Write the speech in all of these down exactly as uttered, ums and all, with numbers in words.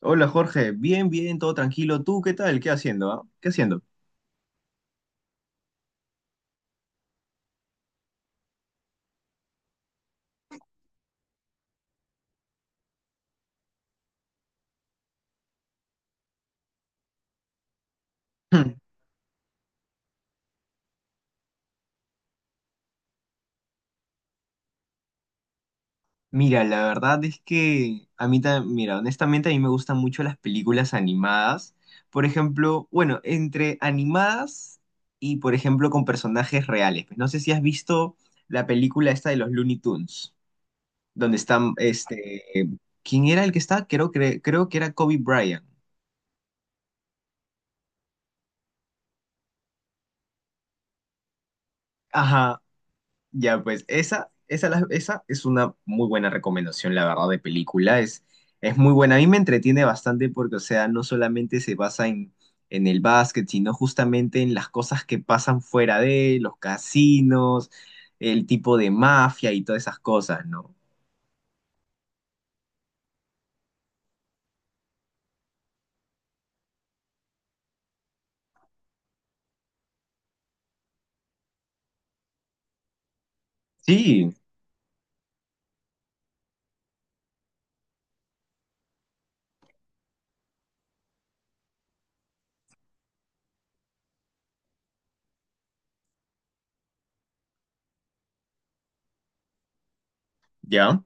Hola Jorge, bien, bien, todo tranquilo. ¿Tú qué tal? ¿Qué haciendo? ¿Ah? ¿Qué haciendo? Mira, la verdad es que a mí también, mira, honestamente a mí me gustan mucho las películas animadas. Por ejemplo, bueno, entre animadas y por ejemplo con personajes reales. No sé si has visto la película esta de los Looney Tunes, donde están, este, ¿quién era el que está? Creo, cre- creo que era Kobe Bryant. Ajá. Ya, pues esa, esa, la- esa es una muy buena recomendación, la verdad, de película. Es, es muy buena. A mí me entretiene bastante porque, o sea, no solamente se basa en, en el básquet, sino justamente en las cosas que pasan fuera de los casinos, el tipo de mafia y todas esas cosas, ¿no? Sí, ya.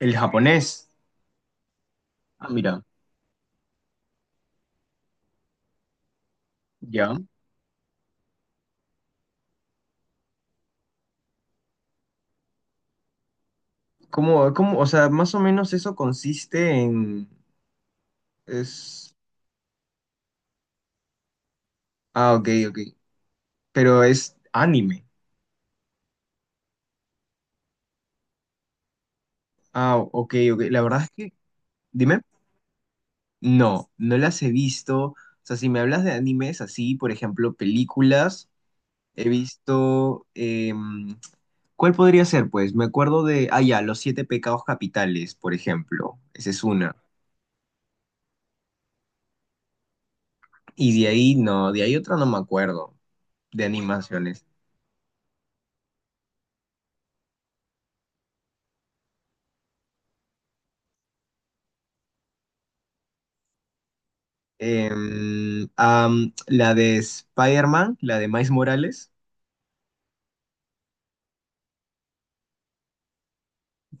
El japonés. Ah, mira, ya. ¿Cómo, cómo, o sea, más o menos eso consiste en... Es... Ah, ok, ok. Pero es anime. Ah, ok, ok. La verdad es que, dime, no, no las he visto. O sea, si me hablas de animes así, por ejemplo, películas, he visto... em, ¿cuál podría ser? Pues me acuerdo de, ah, ya, Los Siete Pecados Capitales, por ejemplo. Esa es una. Y de ahí, no, de ahí otra no me acuerdo, de animaciones. Em, am, la de Spider-Man, la de Miles Morales.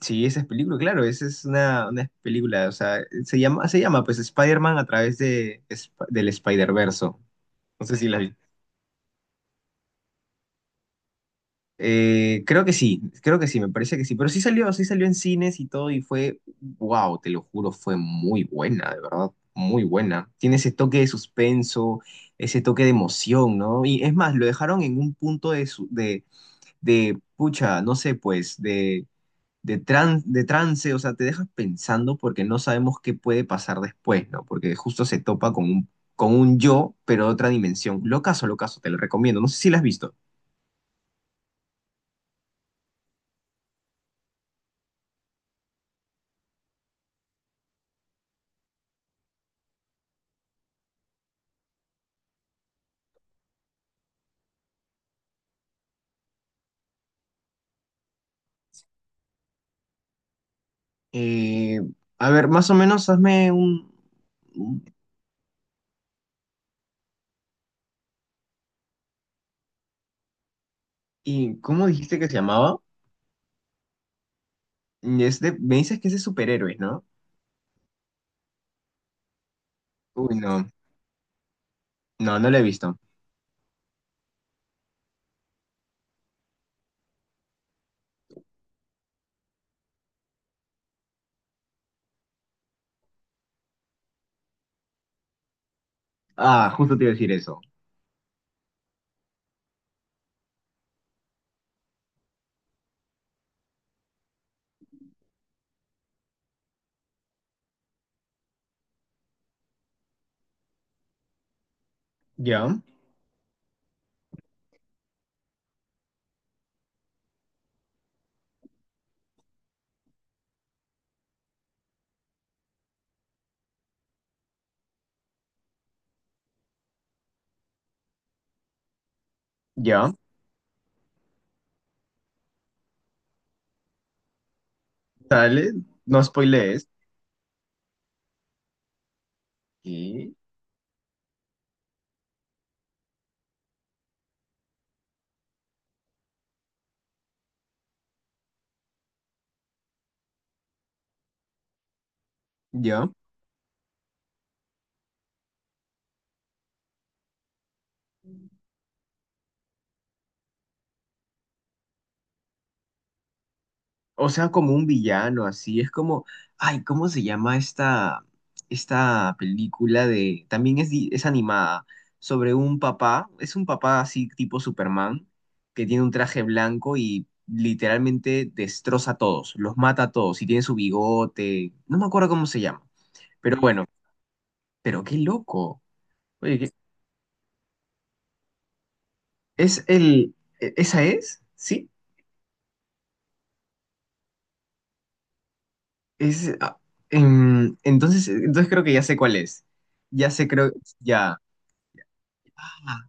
Sí, esa es película, claro, esa es una, una película, o sea, se llama, se llama pues Spider-Man a través de, Sp- del Spider-Verso. No sé si la vi. Eh, creo que sí, creo que sí, me parece que sí, pero sí salió, sí salió en cines y todo y fue, wow, te lo juro, fue muy buena, de verdad, muy buena. Tiene ese toque de suspenso, ese toque de emoción, ¿no? Y es más, lo dejaron en un punto de, su- de, de pucha, no sé, pues, de de, tran- de trance, o sea, te dejas pensando porque no sabemos qué puede pasar después, ¿no? Porque justo se topa con un, con un yo, pero de otra dimensión. Locazo, locazo, te lo recomiendo. No sé si la has visto. Eh, a ver, más o menos hazme un... un- ¿Y cómo dijiste que se llamaba? Es de- me dices que es de superhéroes, ¿no? Uy, no, no, no lo he visto. Ah, justo te iba a decir eso. Ya, ya, dale, no spoilees. Y ya. O sea, como un villano, así. Es como, ay, ¿cómo se llama esta, esta película de... También es, di- es animada, sobre un papá, es un papá así tipo Superman, que tiene un traje blanco y literalmente destroza a todos, los mata a todos, y tiene su bigote, no me acuerdo cómo se llama, pero bueno, pero qué loco. Oye, ¿qué- ¿es el... e- ¿Esa es? ¿Sí? Es... ah, em, entonces, entonces creo que ya sé cuál es. Ya sé, creo, ya. Ah.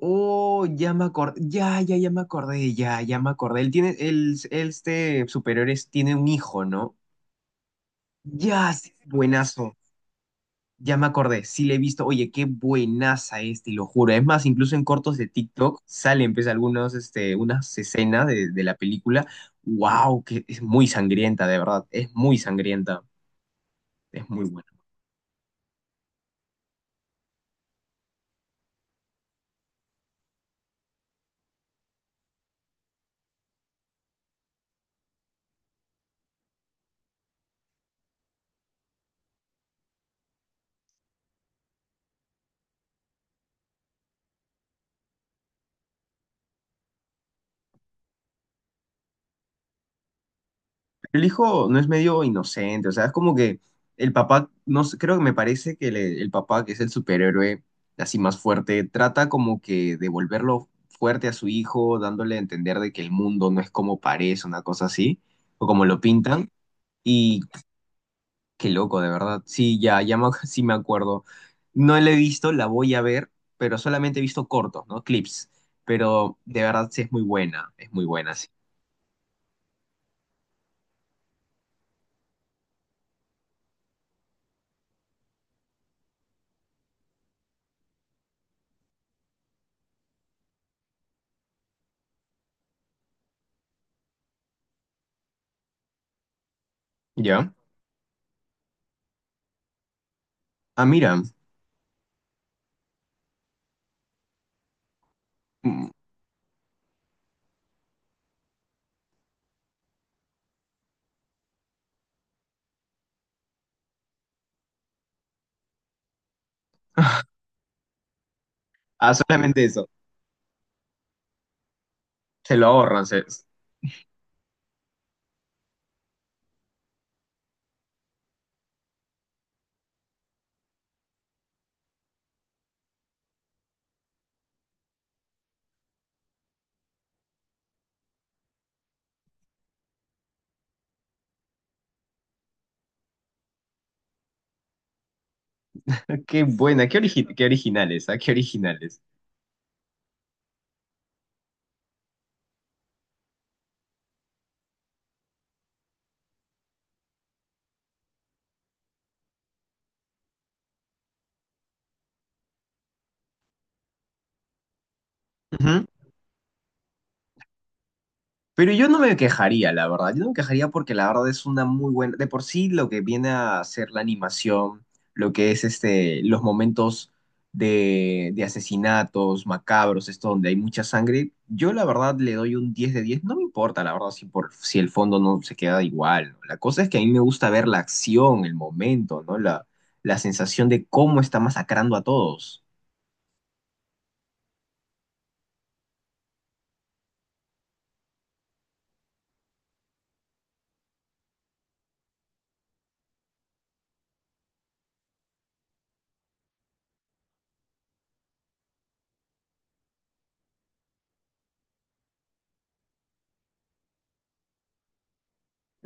Oh, ya me acordé, ya, ya, ya me acordé, ya, ya me acordé. Él tiene, él, él, este superior es- tiene un hijo, ¿no? Ya, sí, buenazo. Ya me acordé, sí le he visto. Oye, qué buenaza es, te lo juro. Es más, incluso en cortos de TikTok salen, pues, algunos, este, unas escenas de, de la película. Wow, que es muy sangrienta, de verdad. Es muy sangrienta. Es muy buena. El hijo no es medio inocente, o sea, es como que el papá, no sé, creo que me parece que le- el papá, que es el superhéroe así más fuerte, trata como que de volverlo fuerte a su hijo, dándole a entender de que el mundo no es como parece, una cosa así, o como lo pintan. Y qué loco, de verdad. Sí, ya, ya me, sí me acuerdo. No la he visto, la voy a ver, pero solamente he visto cortos, ¿no? Clips. Pero de verdad sí es muy buena, es muy buena, sí. ¿Ya? Ah, mira. Mm. Ah, solamente eso. Se lo ahorran. se- Qué buena, qué, origi- qué originales, ¿ah? Qué originales. Ujú. Pero yo no me quejaría, la verdad. Yo no me quejaría porque la verdad es una muy buena. De por sí, lo que viene a ser la animación, lo que es este, los momentos de, de asesinatos macabros, esto donde hay mucha sangre, yo la verdad le doy un diez de diez. No me importa, la verdad, si, por, si el fondo no se queda igual, ¿no? La cosa es que a mí me gusta ver la acción, el momento, ¿no? La, la sensación de cómo está masacrando a todos.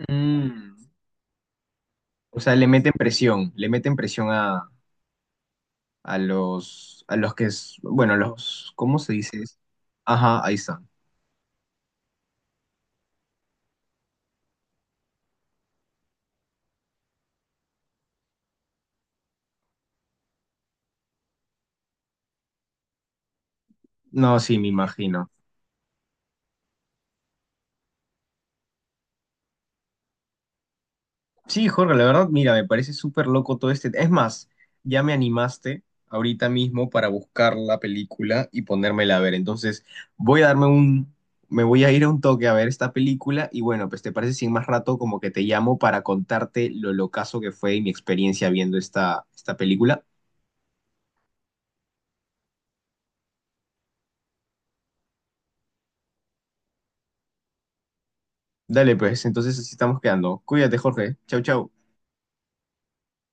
Mm, o sea, le meten presión, le meten presión a, a los, a los que es, bueno, los, ¿cómo se dice? ¿Eso? Ajá, ahí está. No, sí, me imagino. Sí, Jorge, la verdad, mira, me parece súper loco todo este. Es más, ya me animaste ahorita mismo para buscar la película y ponérmela a ver. Entonces, voy a darme un, me voy a ir a un toque a ver esta película y bueno, pues te parece si en más rato como que te llamo para contarte lo locazo que fue y mi experiencia viendo esta, esta película. Dale, pues, entonces así estamos quedando. Cuídate, Jorge. Chau, chau.